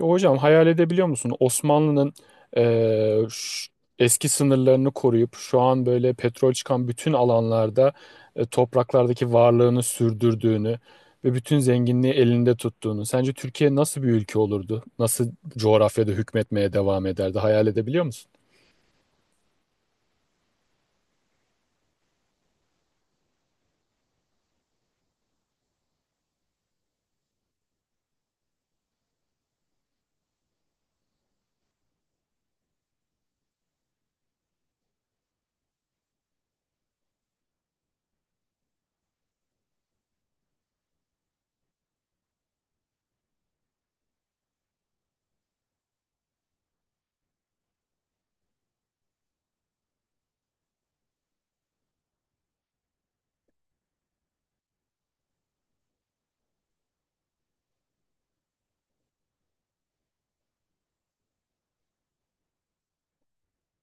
Ya hocam hayal edebiliyor musun? Osmanlı'nın eee, ş- eski sınırlarını koruyup şu an böyle petrol çıkan bütün alanlarda topraklardaki varlığını sürdürdüğünü ve bütün zenginliği elinde tuttuğunu. Sence Türkiye nasıl bir ülke olurdu? Nasıl coğrafyada hükmetmeye devam ederdi? Hayal edebiliyor musun?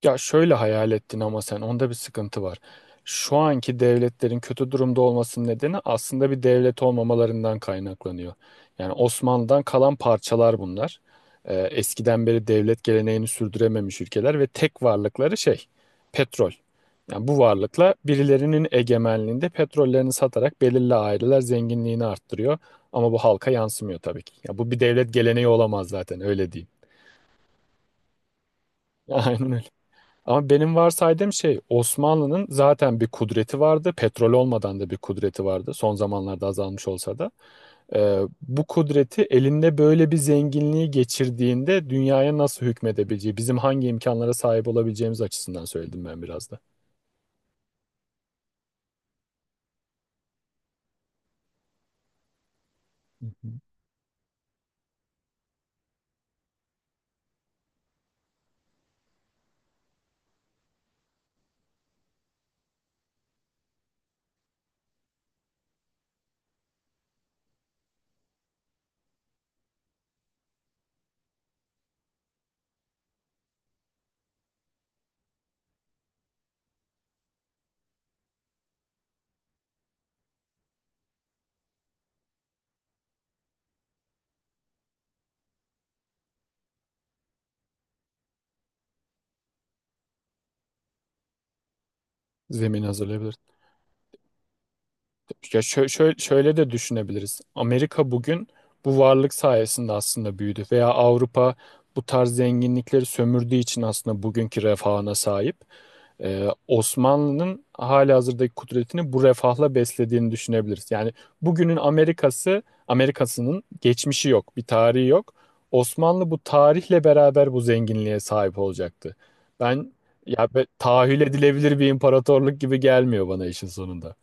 Ya şöyle hayal ettin ama sen onda bir sıkıntı var. Şu anki devletlerin kötü durumda olmasının nedeni aslında bir devlet olmamalarından kaynaklanıyor. Yani Osmanlı'dan kalan parçalar bunlar. Eskiden beri devlet geleneğini sürdürememiş ülkeler ve tek varlıkları petrol. Yani bu varlıkla birilerinin egemenliğinde petrollerini satarak belirli aileler zenginliğini arttırıyor. Ama bu halka yansımıyor tabii ki. Ya bu bir devlet geleneği olamaz zaten öyle diyeyim. Aynen öyle. Ama benim varsaydığım şey Osmanlı'nın zaten bir kudreti vardı. Petrol olmadan da bir kudreti vardı. Son zamanlarda azalmış olsa da. Bu kudreti elinde böyle bir zenginliği geçirdiğinde dünyaya nasıl hükmedebileceği, bizim hangi imkanlara sahip olabileceğimiz açısından söyledim ben biraz da. Hı hı. Zemin hazırlayabilir. Ya şöyle de düşünebiliriz. Amerika bugün bu varlık sayesinde aslında büyüdü veya Avrupa bu tarz zenginlikleri sömürdüğü için aslında bugünkü refahına sahip. Osmanlı'nın halihazırdaki kudretini bu refahla beslediğini düşünebiliriz. Yani bugünün Amerikası, Amerikası'nın geçmişi yok, bir tarihi yok. Osmanlı bu tarihle beraber bu zenginliğe sahip olacaktı. Ben Tahayyül edilebilir bir imparatorluk gibi gelmiyor bana işin sonunda.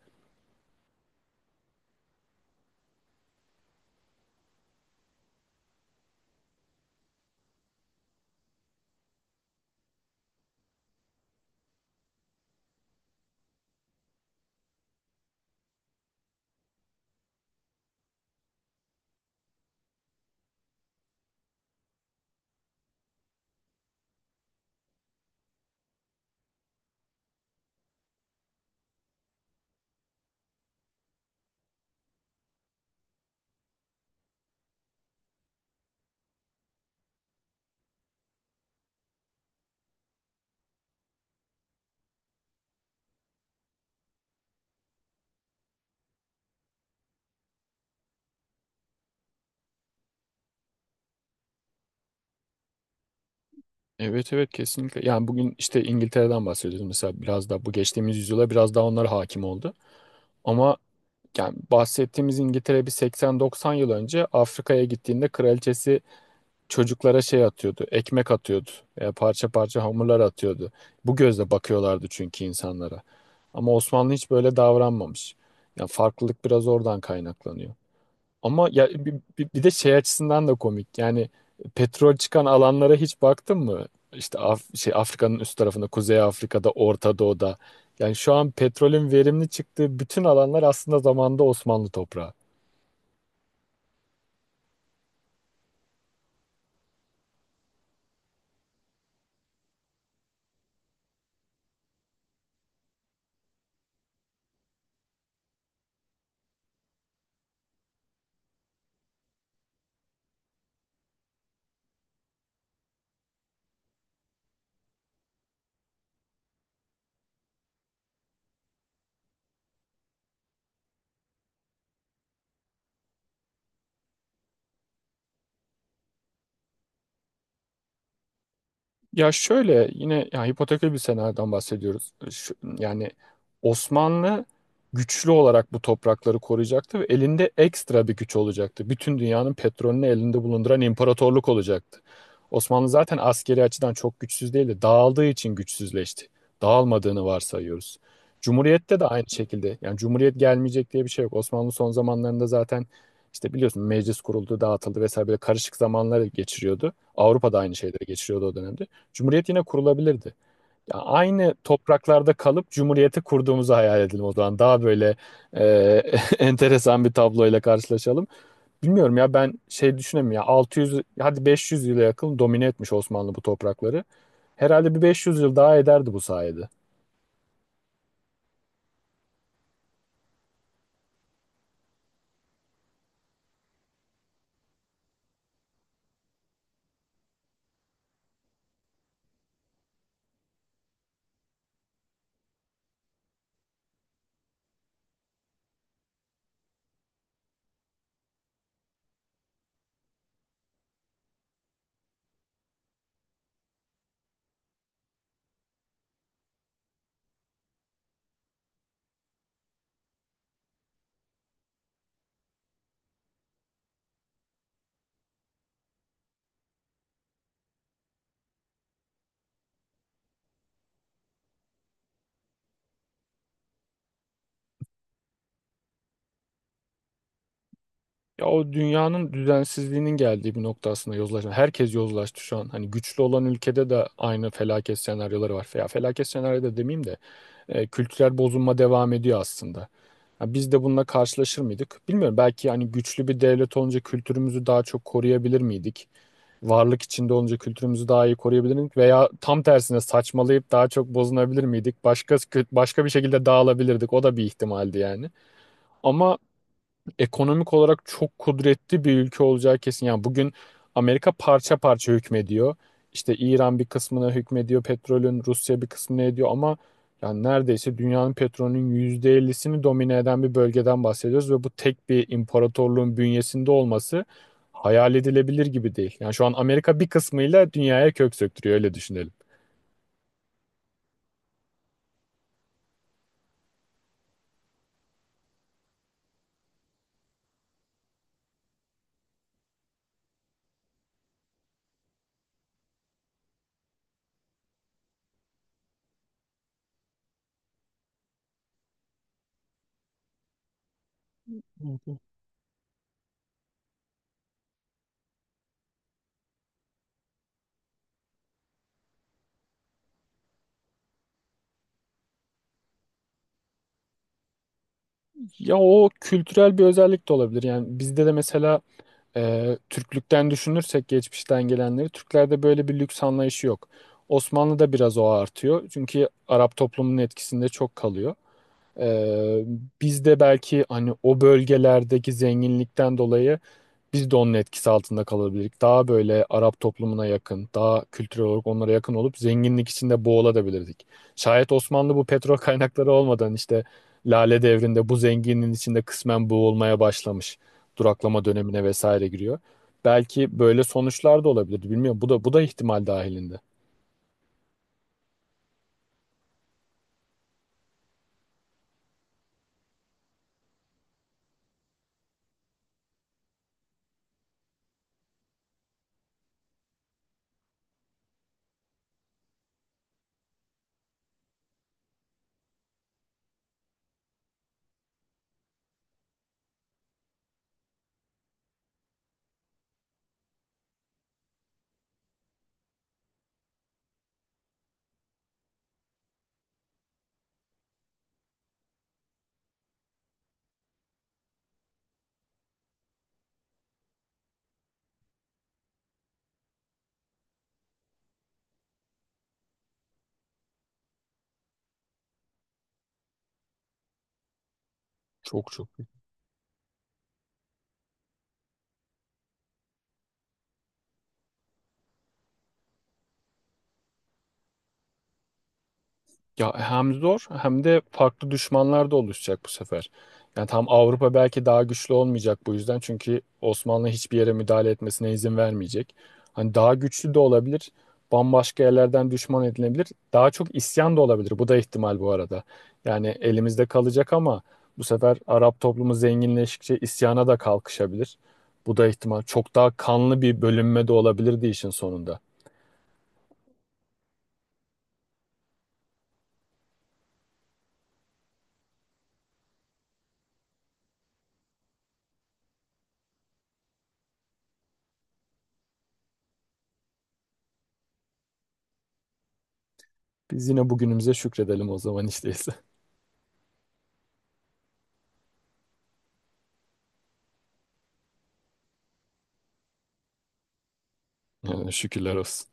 Evet evet kesinlikle. Yani bugün işte İngiltere'den bahsediyoruz mesela biraz da bu geçtiğimiz yüzyıla biraz daha onlar hakim oldu. Ama yani bahsettiğimiz İngiltere bir 80-90 yıl önce Afrika'ya gittiğinde kraliçesi çocuklara ekmek atıyordu veya parça parça hamurlar atıyordu. Bu gözle bakıyorlardı çünkü insanlara. Ama Osmanlı hiç böyle davranmamış. Yani farklılık biraz oradan kaynaklanıyor. Ama ya bir de şey açısından da komik. Yani petrol çıkan alanlara hiç baktın mı? İşte Afrika'nın üst tarafında, Kuzey Afrika'da, Orta Doğu'da. Yani şu an petrolün verimli çıktığı bütün alanlar aslında zamanda Osmanlı toprağı. Ya şöyle yine ya hipotekli bir senaryodan bahsediyoruz. Yani Osmanlı güçlü olarak bu toprakları koruyacaktı ve elinde ekstra bir güç olacaktı. Bütün dünyanın petrolünü elinde bulunduran imparatorluk olacaktı. Osmanlı zaten askeri açıdan çok güçsüz değildi. Dağıldığı için güçsüzleşti. Dağılmadığını varsayıyoruz. Cumhuriyette de aynı şekilde. Yani Cumhuriyet gelmeyecek diye bir şey yok. Osmanlı son zamanlarında zaten işte biliyorsun meclis kuruldu, dağıtıldı vesaire böyle karışık zamanları geçiriyordu. Avrupa'da aynı şeyleri geçiriyordu o dönemde. Cumhuriyet yine kurulabilirdi. Ya aynı topraklarda kalıp cumhuriyeti kurduğumuzu hayal edelim o zaman. Daha böyle e, enteresan bir tabloyla karşılaşalım. Bilmiyorum ya ben şey düşünemiyorum ya 600 hadi 500 yıla yakın domine etmiş Osmanlı bu toprakları. Herhalde bir 500 yıl daha ederdi bu sayede. Ya o dünyanın düzensizliğinin geldiği bir nokta aslında yozlaşma. Herkes yozlaştı şu an. Hani güçlü olan ülkede de aynı felaket senaryoları var. Ya felaket senaryo da demeyeyim de kültürel bozulma devam ediyor aslında. Ya biz de bununla karşılaşır mıydık? Bilmiyorum. Belki hani güçlü bir devlet olunca kültürümüzü daha çok koruyabilir miydik? Varlık içinde olunca kültürümüzü daha iyi koruyabilir miydik? Veya tam tersine saçmalayıp daha çok bozunabilir miydik? Başka bir şekilde dağılabilirdik. O da bir ihtimaldi yani. Ama ekonomik olarak çok kudretli bir ülke olacağı kesin. Yani bugün Amerika parça parça hükmediyor. İşte İran bir kısmına hükmediyor petrolün, Rusya bir kısmına ediyor ama yani neredeyse dünyanın petrolünün %50'sini domine eden bir bölgeden bahsediyoruz ve bu tek bir imparatorluğun bünyesinde olması hayal edilebilir gibi değil. Yani şu an Amerika bir kısmıyla dünyaya kök söktürüyor öyle düşünelim. Ya o kültürel bir özellik de olabilir. Yani bizde de mesela Türklükten düşünürsek geçmişten gelenleri Türklerde böyle bir lüks anlayışı yok. Osmanlı'da biraz o artıyor. Çünkü Arap toplumunun etkisinde çok kalıyor. Ee, Biz de belki hani o bölgelerdeki zenginlikten dolayı biz de onun etkisi altında kalabilirdik. Daha böyle Arap toplumuna yakın, daha kültürel olarak onlara yakın olup zenginlik içinde boğulabilirdik. Şayet Osmanlı bu petrol kaynakları olmadan işte Lale Devri'nde bu zenginliğin içinde kısmen boğulmaya başlamış. Duraklama dönemine vesaire giriyor. Belki böyle sonuçlar da olabilirdi. Bilmiyorum. Bu da ihtimal dahilinde. Çok çok. Ya hem zor hem de farklı düşmanlar da oluşacak bu sefer. Yani tam Avrupa belki daha güçlü olmayacak bu yüzden. Çünkü Osmanlı hiçbir yere müdahale etmesine izin vermeyecek. Hani daha güçlü de olabilir. Bambaşka yerlerden düşman edilebilir. Daha çok isyan da olabilir. Bu da ihtimal bu arada. Yani elimizde kalacak ama bu sefer Arap toplumu zenginleştikçe isyana da kalkışabilir. Bu da ihtimal. Çok daha kanlı bir bölünme de olabilirdi işin sonunda. Biz yine bugünümüze şükredelim o zaman işte. Yani şükürler olsun.